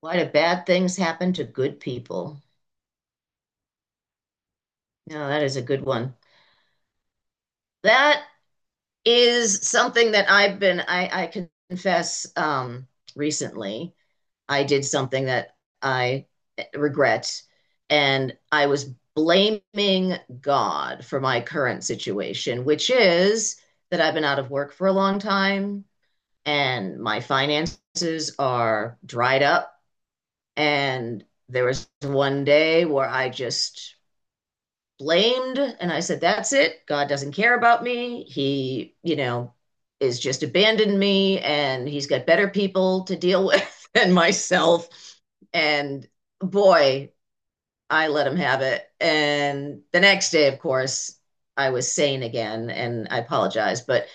Why do bad things happen to good people? No, that is a good one. That is something that I've been, I confess, recently. I did something that I regret, and I was blaming God for my current situation, which is that I've been out of work for a long time and my finances are dried up. And there was one day where I just blamed. And I said, that's it. God doesn't care about me. He, you know, is just abandoned me and he's got better people to deal with than myself. And boy, I let him have it. And the next day, of course, I was sane again and I apologize, but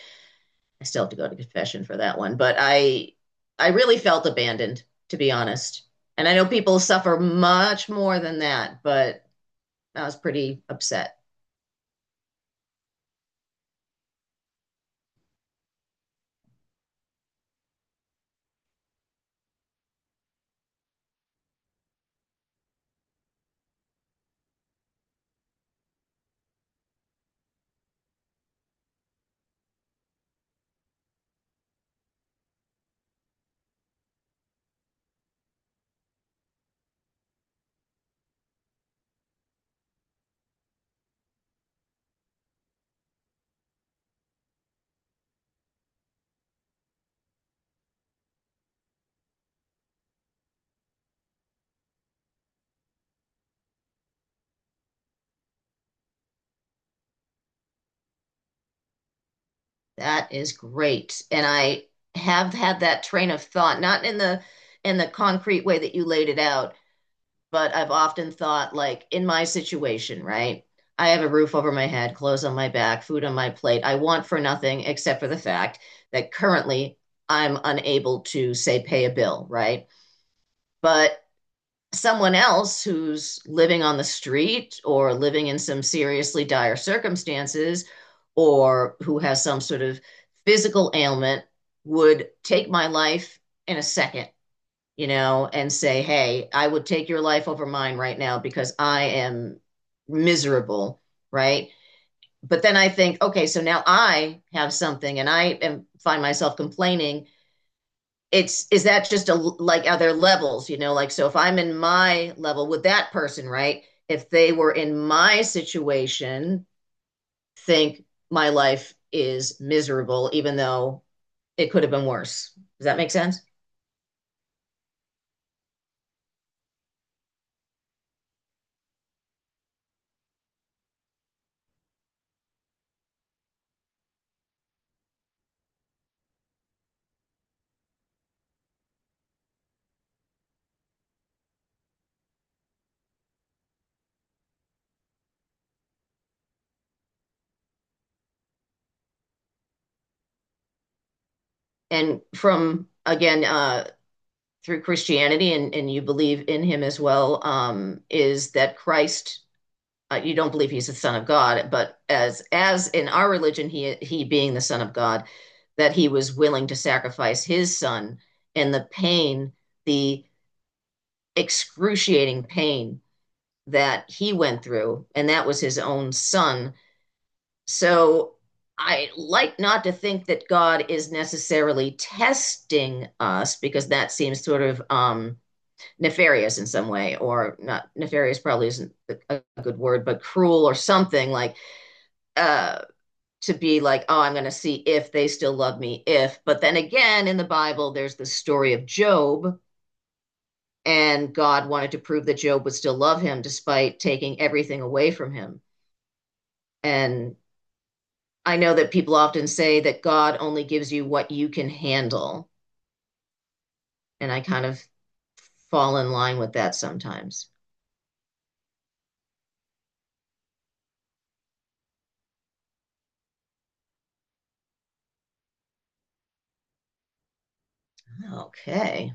I still have to go to confession for that one. But I really felt abandoned, to be honest. And I know people suffer much more than that, but I was pretty upset. That is great. And I have had that train of thought, not in the concrete way that you laid it out, but I've often thought like in my situation, right? I have a roof over my head, clothes on my back, food on my plate. I want for nothing except for the fact that currently I'm unable to, say, pay a bill, right? But someone else who's living on the street or living in some seriously dire circumstances or who has some sort of physical ailment would take my life in a second, you know, and say, hey, I would take your life over mine right now because I am miserable, right? But then I think, okay, so now I have something and I am, find myself complaining, it's, is that just a, like are there levels, you know, like so if I'm in my level with that person, right, if they were in my situation, think my life is miserable even though it could have been worse. Does that make sense? And from again through Christianity, and you believe in him as well, is that Christ, you don't believe he's the son of God, but as in our religion, he being the son of God, that he was willing to sacrifice his son and the pain, the excruciating pain that he went through, and that was his own son. So I like not to think that God is necessarily testing us because that seems sort of nefarious in some way, or not nefarious probably isn't a good word, but cruel or something like uh to be like, oh, I'm going to see if they still love me, if. But then again, in the Bible, there's the story of Job, and God wanted to prove that Job would still love him despite taking everything away from him. And I know that people often say that God only gives you what you can handle. And I kind of fall in line with that sometimes. Okay.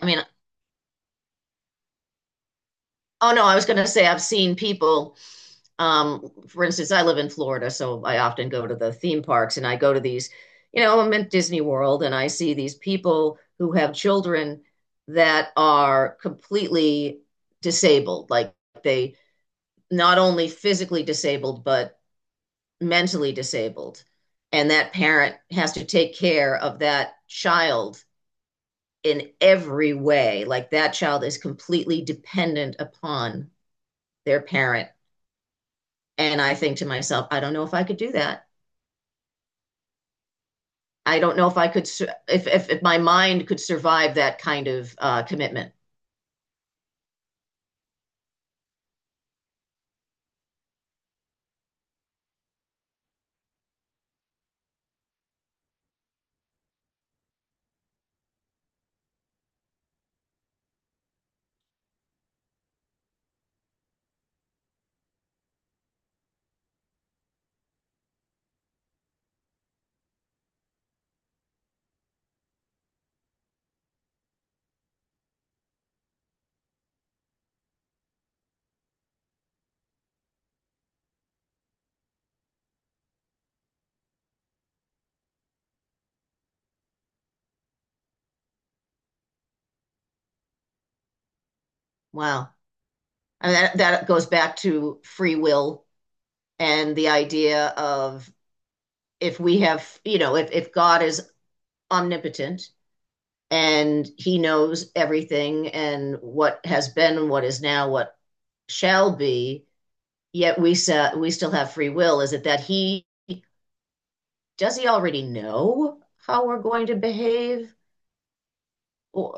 I mean, oh no, I was going to say I've seen people. For instance, I live in Florida, so I often go to the theme parks and I go to these, you know, I'm at Disney World and I see these people who have children that are completely disabled. Like they not only physically disabled, but mentally disabled. And that parent has to take care of that child in every way. Like that child is completely dependent upon their parent. And I think to myself, I don't know if I could do that. I don't know if I could, if my mind could survive that kind of commitment. Wow. I mean, that goes back to free will and the idea of if we have, you know, if God is omnipotent and he knows everything and what has been, what is now, what shall be, yet we, we still have free will, is it that he, does he already know how we're going to behave? Or,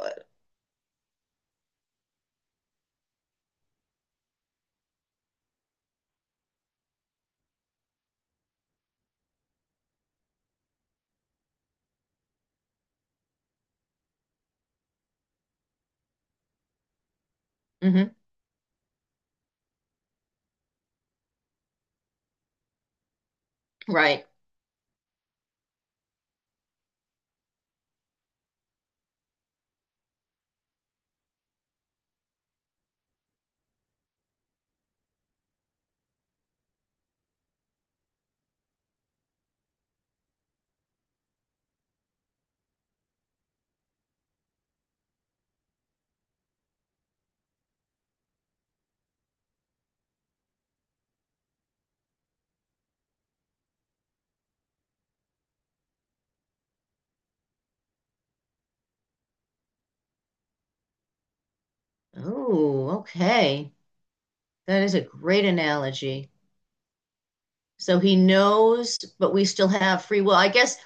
mhm, right. Oh, okay. That is a great analogy. So he knows, but we still have free will. I guess,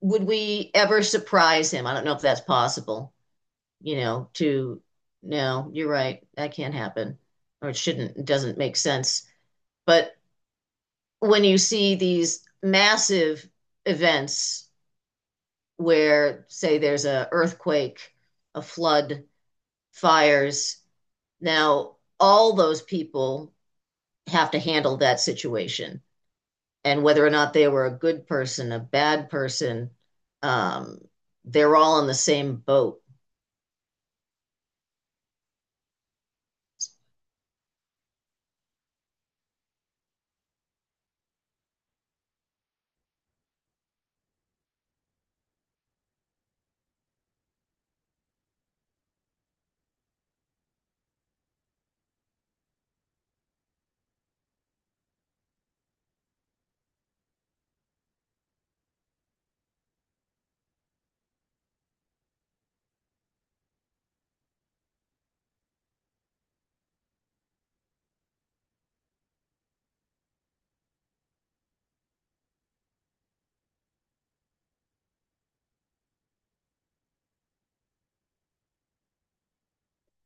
would we ever surprise him? I don't know if that's possible, you know, to, no, you're right. That can't happen. Or it shouldn't, it doesn't make sense. But when you see these massive events where, say, there's a earthquake, a flood, fires, now all those people have to handle that situation and whether or not they were a good person, a bad person, um, they're all in the same boat.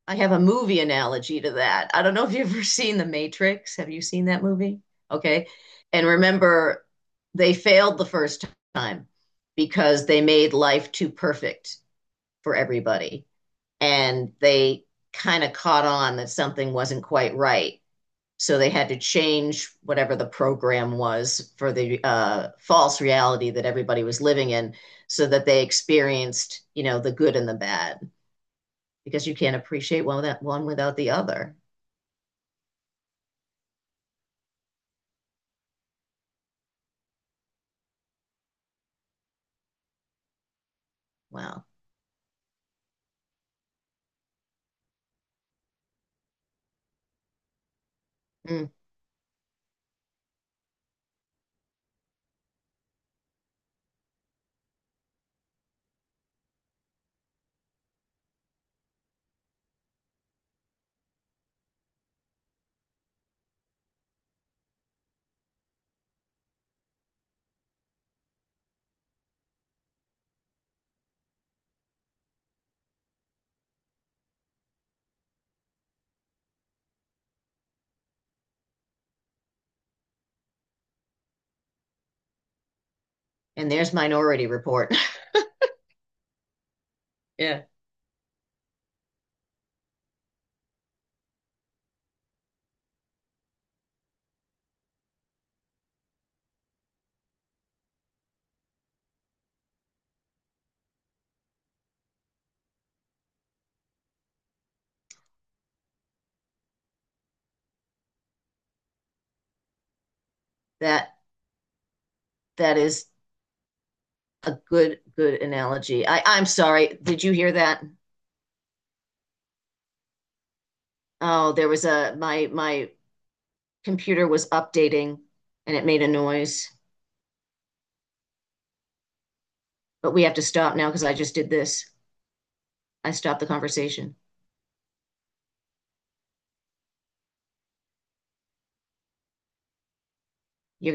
I have a movie analogy to that. I don't know if you've ever seen The Matrix. Have you seen that movie? Okay. And remember, they failed the first time because they made life too perfect for everybody. And they kind of caught on that something wasn't quite right. So they had to change whatever the program was for the false reality that everybody was living in, so that they experienced, you know, the good and the bad, because you can't appreciate one without the other. Wow. Mm. And there's Minority Report. Yeah. That that is a good analogy. I'm sorry. Did you hear that? Oh, there was a my computer was updating, and it made a noise. But we have to stop now because I just did this. I stopped the conversation. You're